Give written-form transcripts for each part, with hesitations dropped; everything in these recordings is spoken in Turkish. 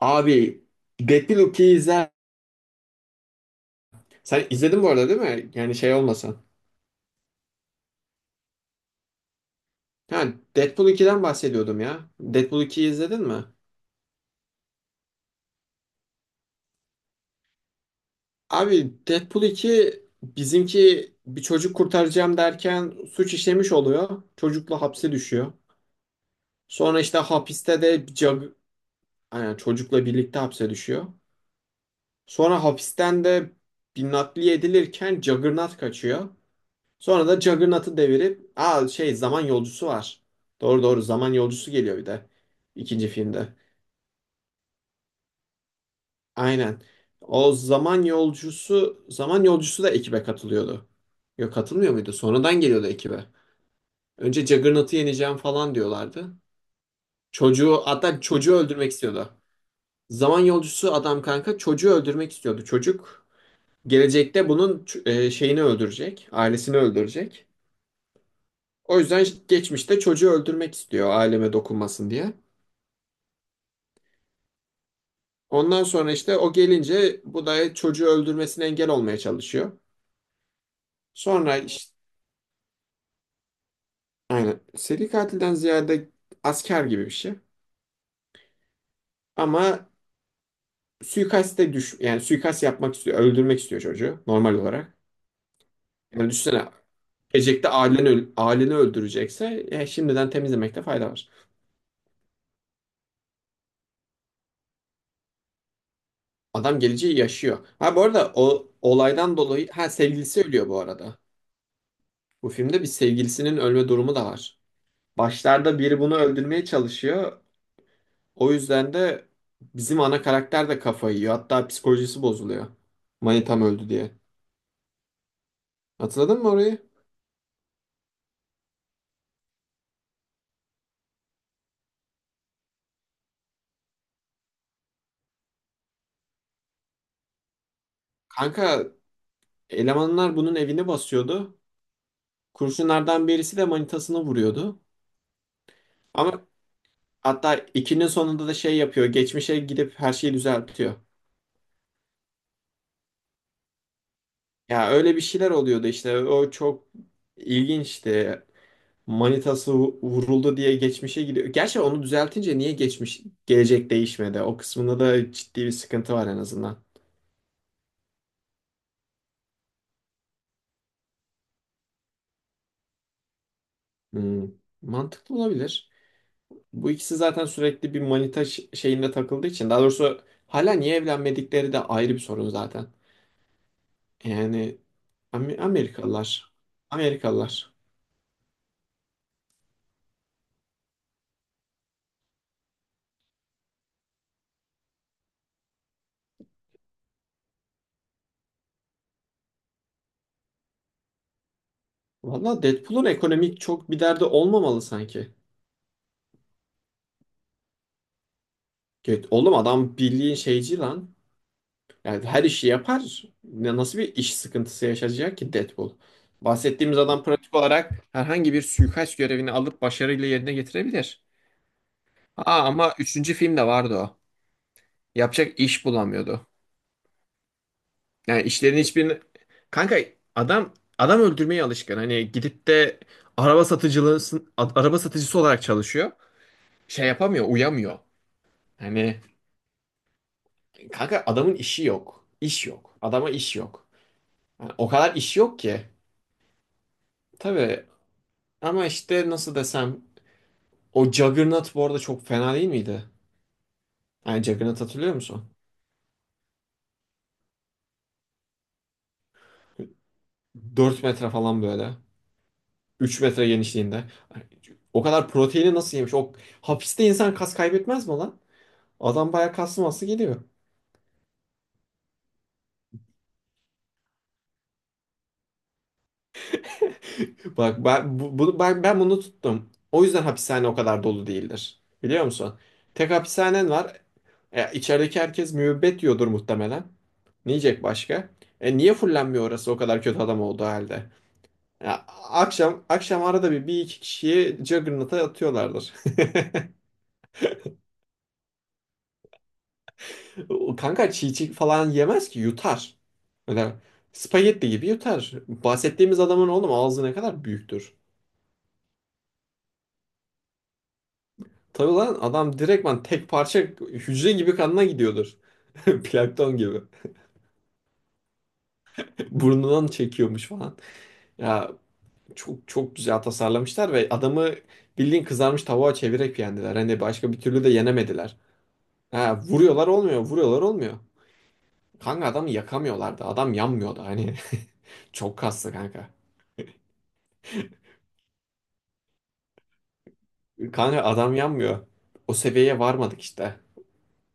Abi Deadpool 2'yi izler. Sen izledin bu arada değil mi? Yani şey olmasın. Ha, Deadpool 2'den bahsediyordum ya. Deadpool 2'yi izledin mi? Abi Deadpool 2 bizimki bir çocuk kurtaracağım derken suç işlemiş oluyor. Çocukla hapse düşüyor. Sonra işte hapiste de yani çocukla birlikte hapse düşüyor. Sonra hapisten de bir nakliye edilirken Juggernaut kaçıyor. Sonra da Juggernaut'u devirip şey zaman yolcusu var. Doğru doğru zaman yolcusu geliyor bir de ikinci filmde. Aynen. O zaman yolcusu da ekibe katılıyordu. Yok katılmıyor muydu? Sonradan geliyordu ekibe. Önce Juggernaut'u yeneceğim falan diyorlardı. Çocuğu, hatta çocuğu öldürmek istiyordu. Zaman yolcusu adam kanka çocuğu öldürmek istiyordu. Çocuk gelecekte bunun şeyini öldürecek, ailesini öldürecek. O yüzden geçmişte çocuğu öldürmek istiyor aileme dokunmasın diye. Ondan sonra işte o gelince bu da çocuğu öldürmesine engel olmaya çalışıyor. Sonra işte aynen seri katilden ziyade asker gibi bir şey. Ama suikaste düş yani suikast yapmak istiyor, öldürmek istiyor çocuğu normal olarak. Yani düşünsene gelecekte aileni öldürecekse şimdiden temizlemekte fayda var. Adam geleceği yaşıyor. Ha, bu arada o olaydan dolayı ha sevgilisi ölüyor bu arada. Bu filmde bir sevgilisinin ölme durumu da var. Başlarda biri bunu öldürmeye çalışıyor. O yüzden de bizim ana karakter de kafayı yiyor. Hatta psikolojisi bozuluyor. Manitam öldü diye. Hatırladın mı orayı? Kanka elemanlar bunun evini basıyordu. Kurşunlardan birisi de manitasını vuruyordu. Ama hatta ikinin sonunda da şey yapıyor. Geçmişe gidip her şeyi düzeltiyor. Ya öyle bir şeyler oluyordu işte. O çok ilginçti. Manitası vuruldu diye geçmişe gidiyor. Gerçi onu düzeltince niye geçmiş gelecek değişmedi? O kısmında da ciddi bir sıkıntı var en azından. Hmm, Mantıklı olabilir. Bu ikisi zaten sürekli bir manita şeyinde takıldığı için. Daha doğrusu hala niye evlenmedikleri de ayrı bir sorun zaten. Yani Amerikalılar. Amerikalılar. Valla Deadpool'un ekonomik çok bir derdi olmamalı sanki. Evet, oğlum adam bildiğin şeyci lan. Yani her işi yapar. Nasıl bir iş sıkıntısı yaşayacak ki Deadpool? Bahsettiğimiz adam pratik olarak herhangi bir suikast görevini alıp başarıyla yerine getirebilir. Ama üçüncü filmde vardı o. Yapacak iş bulamıyordu. Yani işlerin hiçbirini... Kanka adam öldürmeye alışkın. Hani gidip de araba satıcılığı araba satıcısı olarak çalışıyor. Şey yapamıyor, uyamıyor. Hani kanka adamın işi yok. İş yok. Adama iş yok. Yani o kadar iş yok ki. Tabii ama işte nasıl desem o Juggernaut bu arada çok fena değil miydi? Yani Juggernaut hatırlıyor musun? 4 metre falan böyle. 3 metre genişliğinde. Ay, o kadar proteini nasıl yemiş? O hapiste insan kas kaybetmez mi lan? Adam bayağı kaslı masası geliyor. Bak ben bu- bunu ben, ben bunu tuttum. O yüzden hapishane o kadar dolu değildir. Biliyor musun? Tek hapishanen var. İçerideki herkes müebbet yiyordur muhtemelen. Ne yiyecek başka? Niye fullenmiyor orası o kadar kötü adam olduğu halde? Ya, akşam akşam arada bir iki kişiyi Juggernaut'a atıyorlardır. O kanka çiğ çiğ falan yemez ki yutar. Öyle spagetti gibi yutar. Bahsettiğimiz adamın oğlum ağzı ne kadar büyüktür. Tabii lan adam direktman tek parça hücre gibi kanına gidiyordur. Plankton gibi. Burnundan çekiyormuş falan. Ya çok çok güzel tasarlamışlar ve adamı bildiğin kızarmış tavuğa çevirerek yendiler. Hani başka bir türlü de yenemediler. Ha, vuruyorlar olmuyor, vuruyorlar olmuyor. Kanka adamı yakamıyorlardı. Adam yanmıyordu hani. Çok kaslı kanka. Kanka adam yanmıyor. O seviyeye varmadık işte.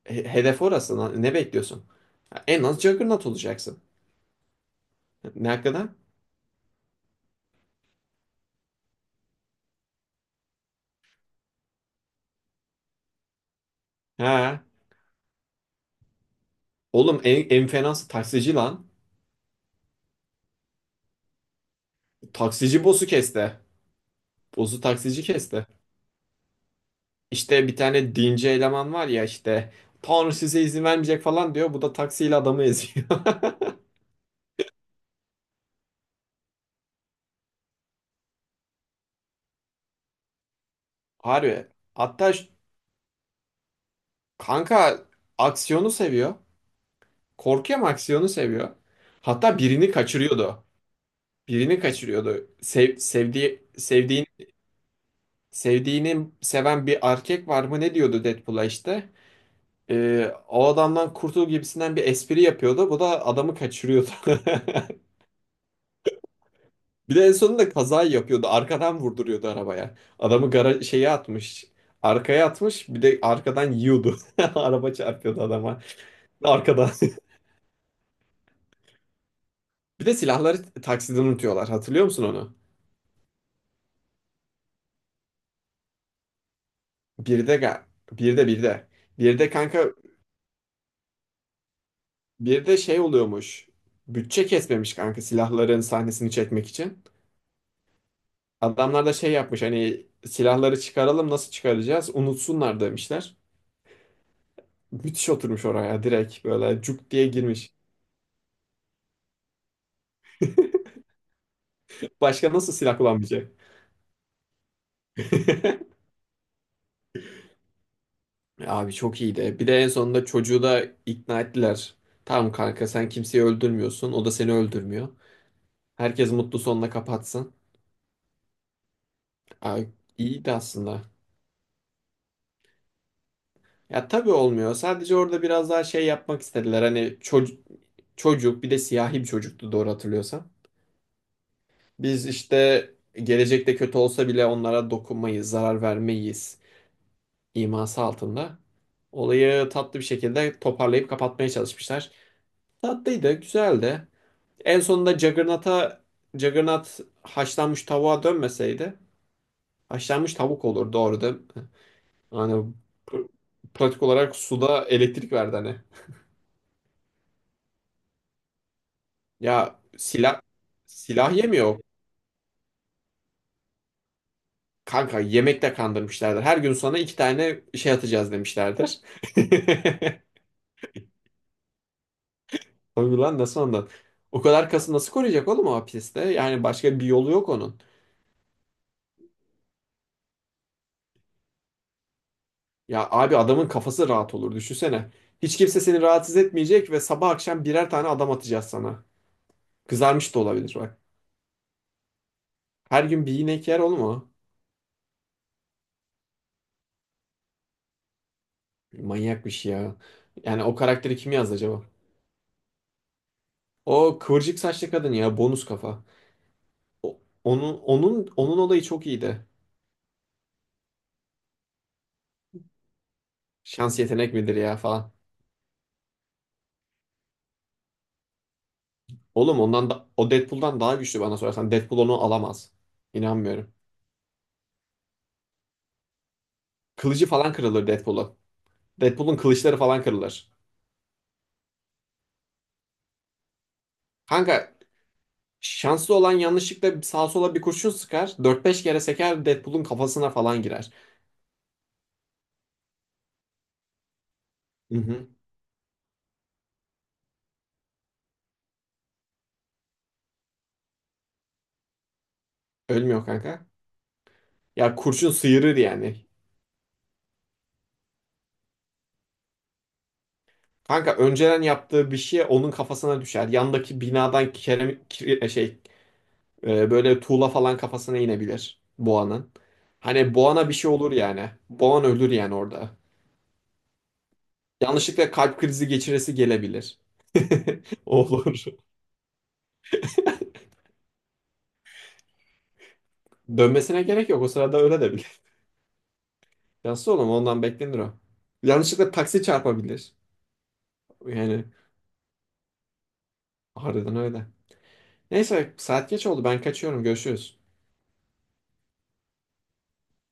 Hedef orası, lan. Ne bekliyorsun? Ya en az Juggernaut olacaksın. Ne hakkında? Ha. Oğlum en fenası taksici lan. Taksici boss'u kesti. Boss'u taksici kesti. İşte bir tane dinci eleman var ya işte. Tanrı size izin vermeyecek falan diyor. Bu da taksiyle adamı eziyor. Harbi. Hatta kanka aksiyonu seviyor. Korkuyor ama aksiyonu seviyor. Hatta birini kaçırıyordu. Birini kaçırıyordu. Sevdiğini seven bir erkek var mı ne diyordu Deadpool'a işte. O adamdan kurtul gibisinden bir espri yapıyordu. Bu da adamı kaçırıyordu. Bir de en sonunda kaza yapıyordu. Arkadan vurduruyordu arabaya. Adamı gara şeye atmış. Arkaya atmış. Bir de arkadan yiyordu. Araba çarpıyordu adama. Arkadan. Bir de silahları taksiden unutuyorlar. Hatırlıyor musun onu? Bir de ga- bir de bir de. Bir de kanka, bir de şey oluyormuş. Bütçe kesmemiş kanka silahların sahnesini çekmek için. Adamlar da şey yapmış hani silahları çıkaralım nasıl çıkaracağız? Unutsunlar demişler. Müthiş oturmuş oraya direkt böyle cuk diye girmiş. Başka nasıl silah kullanmayacak? Abi çok iyiydi. Bir de en sonunda çocuğu da ikna ettiler. Tamam kanka sen kimseyi öldürmüyorsun. O da seni öldürmüyor. Herkes mutlu sonla kapatsın. Abi, iyiydi aslında. Ya tabii olmuyor. Sadece orada biraz daha şey yapmak istediler. Hani çocuk bir de siyahi bir çocuktu doğru hatırlıyorsam. Biz işte gelecekte kötü olsa bile onlara dokunmayız, zarar vermeyiz iması altında. Olayı tatlı bir şekilde toparlayıp kapatmaya çalışmışlar. Tatlıydı, güzeldi. En sonunda Juggernaut haşlanmış tavuğa dönmeseydi haşlanmış tavuk olurdu orada. Hani pr- pratik olarak suda elektrik verdi hani. Ya silah yemiyor. Kanka yemekte kandırmışlardır. Her gün sana iki tane şey atacağız demişlerdir. Tabii lan nasıl ondan? O kadar kası nasıl koruyacak oğlum o hapiste? Yani başka bir yolu yok onun. Ya abi adamın kafası rahat olur düşünsene. Hiç kimse seni rahatsız etmeyecek ve sabah akşam birer tane adam atacağız sana. Kızarmış da olabilir bak. Her gün bir inek yer oğlum o. Manyak bir şey ya. Yani o karakteri kim yazdı acaba? O kıvırcık saçlı kadın ya bonus kafa. Onun olayı çok iyiydi. Şans yetenek midir ya falan. Oğlum ondan da o Deadpool'dan daha güçlü bana sorarsan. Deadpool onu alamaz. İnanmıyorum. Kılıcı falan kırılır Deadpool'un. Deadpool'un kılıçları falan kırılır. Kanka şanslı olan yanlışlıkla sağa sola bir kurşun sıkar. Dört beş kere seker Deadpool'un kafasına falan girer. Hı hı. Ölmüyor kanka. Ya kurşun sıyırır yani. Kanka önceden yaptığı bir şey onun kafasına düşer. Yandaki binadan kerem, kire- şey böyle tuğla falan kafasına inebilir boğanın. Hani boğana bir şey olur yani. Boğan ölür yani orada. Yanlışlıkla kalp krizi geçiresi gelebilir. Olur. Dönmesine gerek yok. O sırada öyle de bilir. Yansız oğlum ondan beklenir o. Yanlışlıkla taksi çarpabilir. Yani harbiden öyle. Neyse saat geç oldu. Ben kaçıyorum. Görüşürüz.